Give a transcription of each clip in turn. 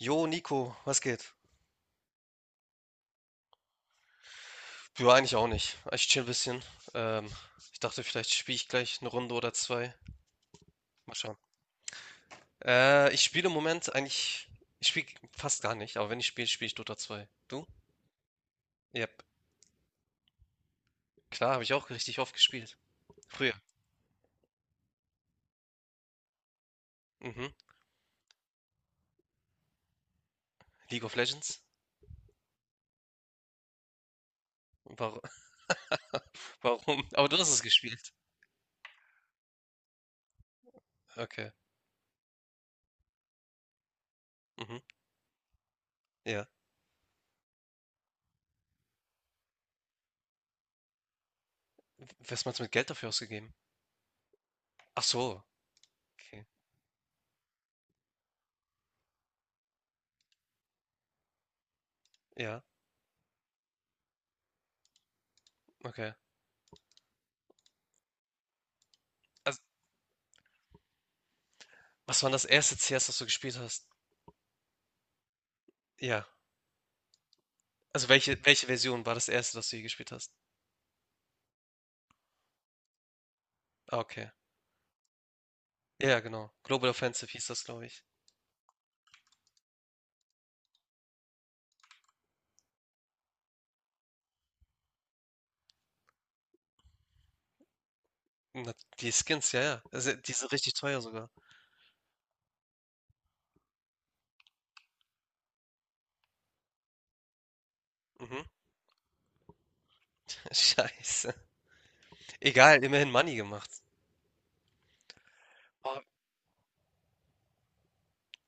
Jo, Nico, was geht? Ja, eigentlich auch nicht. Ich chill ein bisschen. Ähm, ich dachte, vielleicht spiele ich gleich eine Runde oder zwei. Mal schauen. Ich spiele im Moment eigentlich, ich spiele fast gar nicht, aber wenn ich spiele, spiele ich Dota 2. Du? Ja, klar, habe ich auch richtig oft gespielt. Früher. Mhm. League of Legends? Warum? Warum? Aber du hast es gespielt. Okay. Mhm. Ja. Was meinst du mit Geld dafür ausgegeben? Ach so. Okay. Ja. Okay. Also, was war das erste CS, das du gespielt hast? Ja. Also, welche Version war das erste, das du je gespielt hast? Ah, okay. Ja, ja, genau. Global Offensive hieß das, glaube ich. Na, die Skins, ja, ja. Also, die sind richtig teuer sogar. Mhm. Scheiße. Egal, immerhin Money gemacht. Ah,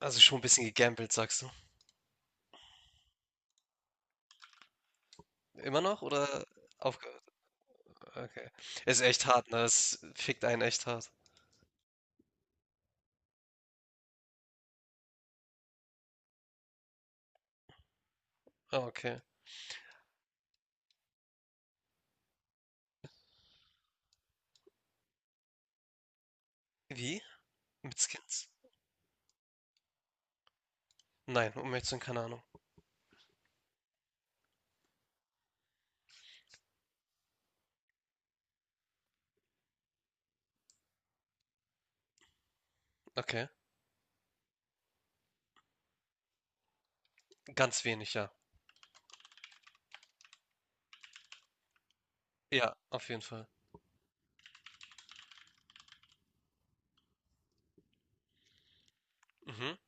also schon ein bisschen gegambelt, sagst du? Immer noch oder aufgehört? Okay. Ist echt hart, ne? Es fickt einen echt hart. Ah, okay. Wie? Mit Skins? Nein, um ehrlich zu sein, keine Ahnung. Okay. Ganz wenig, ja. Ja, auf jeden Fall. Mhm.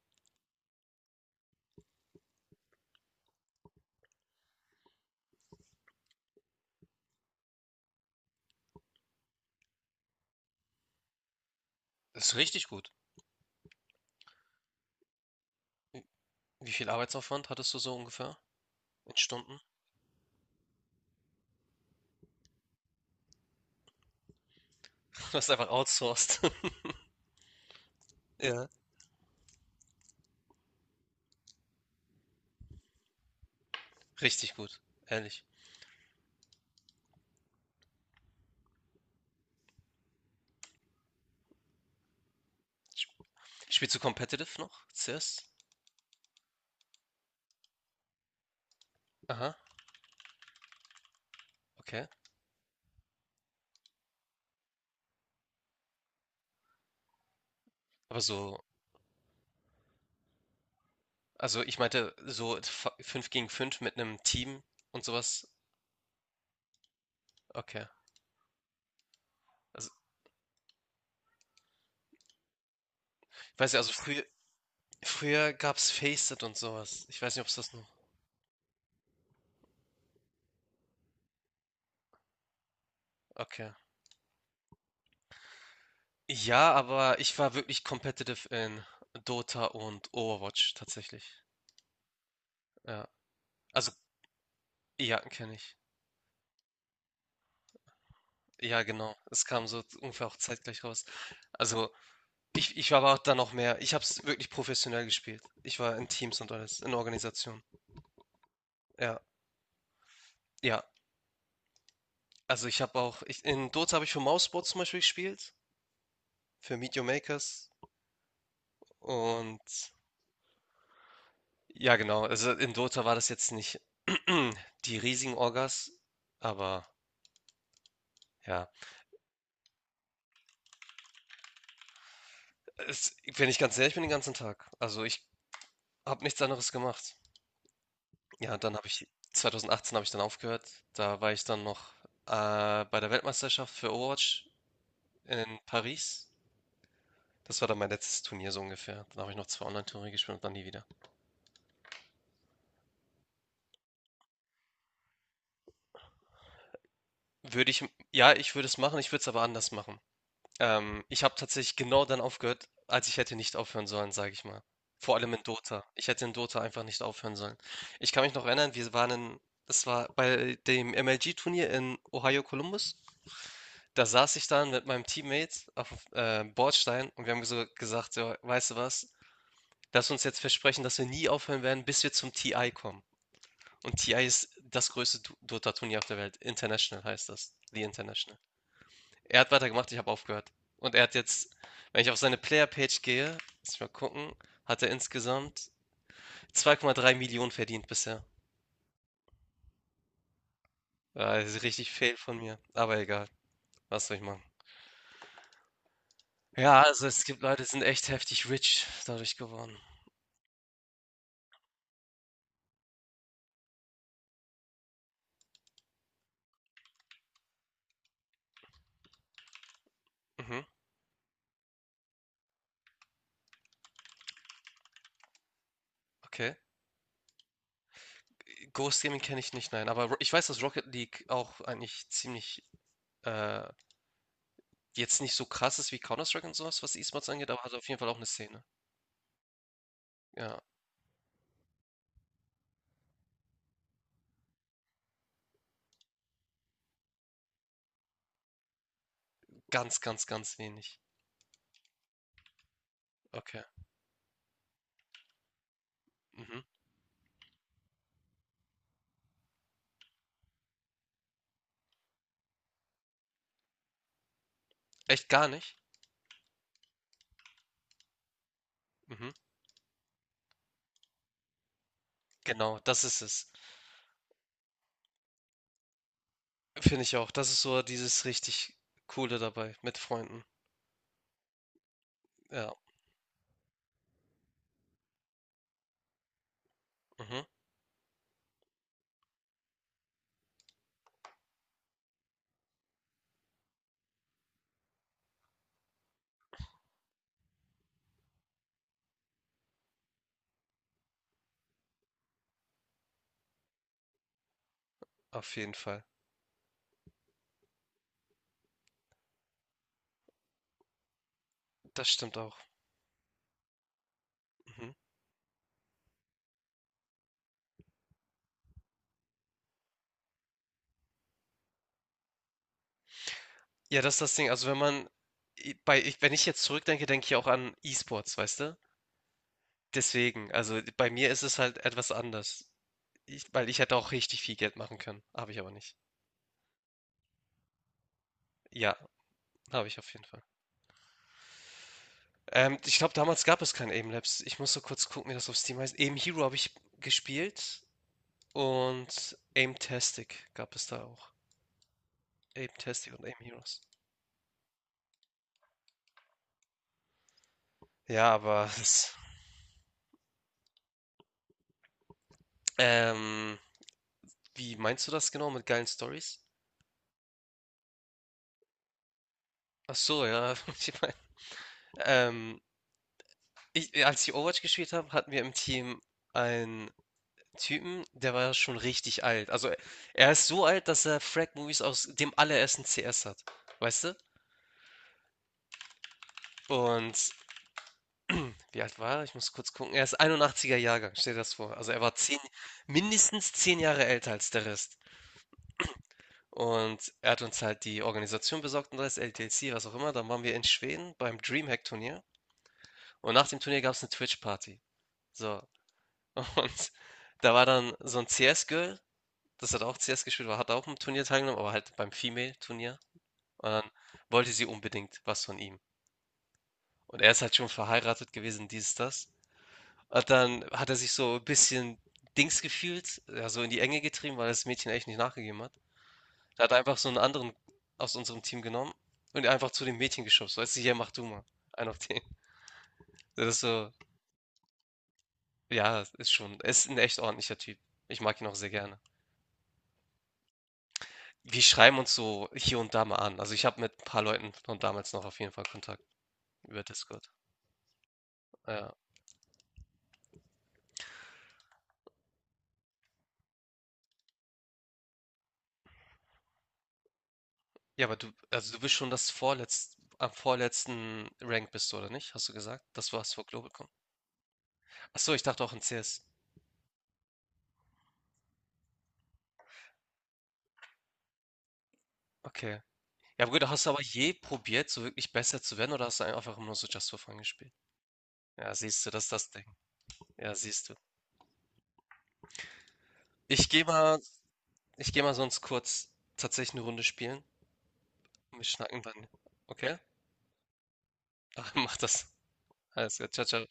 Ist richtig gut. Wie wie viel Arbeitsaufwand hattest du so ungefähr? In Stunden? Du hast einfach outsourced. Ja, richtig gut, ehrlich. Sp- Spielst du competitive noch? CS? Aha, okay. Aber so, also ich meinte so 5 gegen 5 mit einem Team und sowas. Okay. Also, ich weiß ja, also früher, früher gab's Faceit und sowas. Ich weiß nicht, ob es das noch. Okay. Ja, aber ich war wirklich competitive in Dota und Overwatch tatsächlich. Ja. Also, ja, kenne ich. Ja, genau. Es kam so ungefähr auch zeitgleich raus. Also, ich war aber dann noch mehr. Ich habe es wirklich professionell gespielt. Ich war in Teams und alles, in Organisation. Ja, ja. Also ich habe auch, ich, in Dota habe ich für Mouseboard zum Beispiel gespielt, für Meet Your Makers. Und ja, genau. Also in Dota war das jetzt nicht die riesigen Orgas, aber ja. Es, wenn ich ganz ehrlich bin, den ganzen Tag. Also ich habe nichts anderes gemacht. Ja, dann habe ich, 2018 habe ich dann aufgehört. Da war ich dann noch bei der Weltmeisterschaft für Overwatch in Paris. Das war dann mein letztes Turnier so ungefähr. Dann habe ich noch zwei Online-Turniere gespielt und dann nie wieder. Würde ich, ja, ich würde es machen, ich würde es aber anders machen. Ich habe tatsächlich genau dann aufgehört, als ich hätte nicht aufhören sollen, sage ich mal. Vor allem in Dota. Ich hätte in Dota einfach nicht aufhören sollen. Ich kann mich noch erinnern, wir waren in, das war bei dem MLG-Turnier in Ohio Columbus. Da saß ich dann mit meinem Teammate auf Bordstein und wir haben so gesagt, so, weißt du was, lass uns jetzt versprechen, dass wir nie aufhören werden, bis wir zum TI kommen. Und TI ist das größte Dota-Turnier auf der Welt. International heißt das. The International. Er hat weitergemacht, ich habe aufgehört. Und er hat jetzt, wenn ich auf seine Player-Page gehe, lass mich mal gucken, hat er insgesamt 2,3 Millionen verdient bisher. Ja, das ist richtig fail von mir. Aber egal, was soll ich machen? Ja, also es gibt Leute, die sind echt heftig rich dadurch geworden. Mhm, okay. Ghost Gaming kenne ich nicht, nein. Aber ich weiß, dass Rocket League auch eigentlich ziemlich äh, Jetzt nicht so krass ist wie Counter-Strike und sowas, was, E-Sports angeht, aber hat auf jeden Fall auch eine Szene. Ja, ganz, ganz, ganz wenig. Okay. Mhm. Echt gar nicht? Mhm. Genau, das ist es. Finde ich auch. Das ist so dieses richtig Coole dabei mit Freunden. Ja, mhm, auf jeden Fall. Das stimmt auch. Mhm. Ja, das ist das Ding. Also, wenn man i bei ich wenn ich jetzt zurückdenke, denke ich auch an E-Sports, weißt du? Deswegen, also, bei mir ist es halt etwas anders. Ich weil ich hätte auch richtig viel Geld machen können, habe ich aber nicht. Ja. Habe ich auf jeden Fall. Ich glaube, damals gab es kein Aim Labs. Ich muss so kurz gucken, wie das auf Steam heißt. Aim Hero habe ich gespielt und Aimtastic gab es da auch. Aimtastic und Aim Heroes. Ja, aber das, ähm, wie meinst du das genau mit geilen Stories? Ach so, ja. Ich meine, ähm, als ich Overwatch gespielt habe, hatten wir im Team einen Typen, der war schon richtig alt. Also er ist so alt, dass er Frag-Movies aus dem allerersten CS hat. Weißt du? Und wie alt war er? Ich muss kurz gucken. Er ist 81er Jahrgang, stell dir das vor. Also er war mindestens 10 Jahre älter als der Rest. Und er hat uns halt die Organisation besorgt und das LTC, was auch immer. Dann waren wir in Schweden beim Dreamhack-Turnier. Und nach dem Turnier gab es eine Twitch-Party. So. Und da war dann so ein CS-Girl, das hat auch CS gespielt, war, hat auch im Turnier teilgenommen, aber halt beim Female-Turnier. Und dann wollte sie unbedingt was von ihm. Und er ist halt schon verheiratet gewesen, dies, das. Und dann hat er sich so ein bisschen Dings gefühlt, ja, so in die Enge getrieben, weil das Mädchen echt nicht nachgegeben hat. Da hat er einfach so einen anderen aus unserem Team genommen und einfach zu dem Mädchen geschubst. Weißt du: „Hier, mach du mal." Einen auf den. Das ist so, ja, ist schon, er ist ein echt ordentlicher Typ. Ich mag ihn auch sehr gerne. Wir schreiben uns so hier und da mal an. Also, ich habe mit ein paar Leuten von damals noch auf jeden Fall Kontakt über Discord. Ja. Ja, aber du, also, du bist schon das vorletz, am vorletzten Rank bist du, oder nicht? Hast du gesagt, das war's vor Global komm. Ach so, ich dachte auch in CS. Okay. Ja aber gut, hast du aber je probiert, so wirklich besser zu werden, oder hast du einfach immer nur so Just for Fun gespielt? Ja, siehst du, das ist das Ding. Ja, siehst du. Ich gehe mal, ich gehe mal sonst kurz tatsächlich eine Runde spielen. Wir schnacken dann. Okay? Mach das. Alles klar. Ciao, ciao.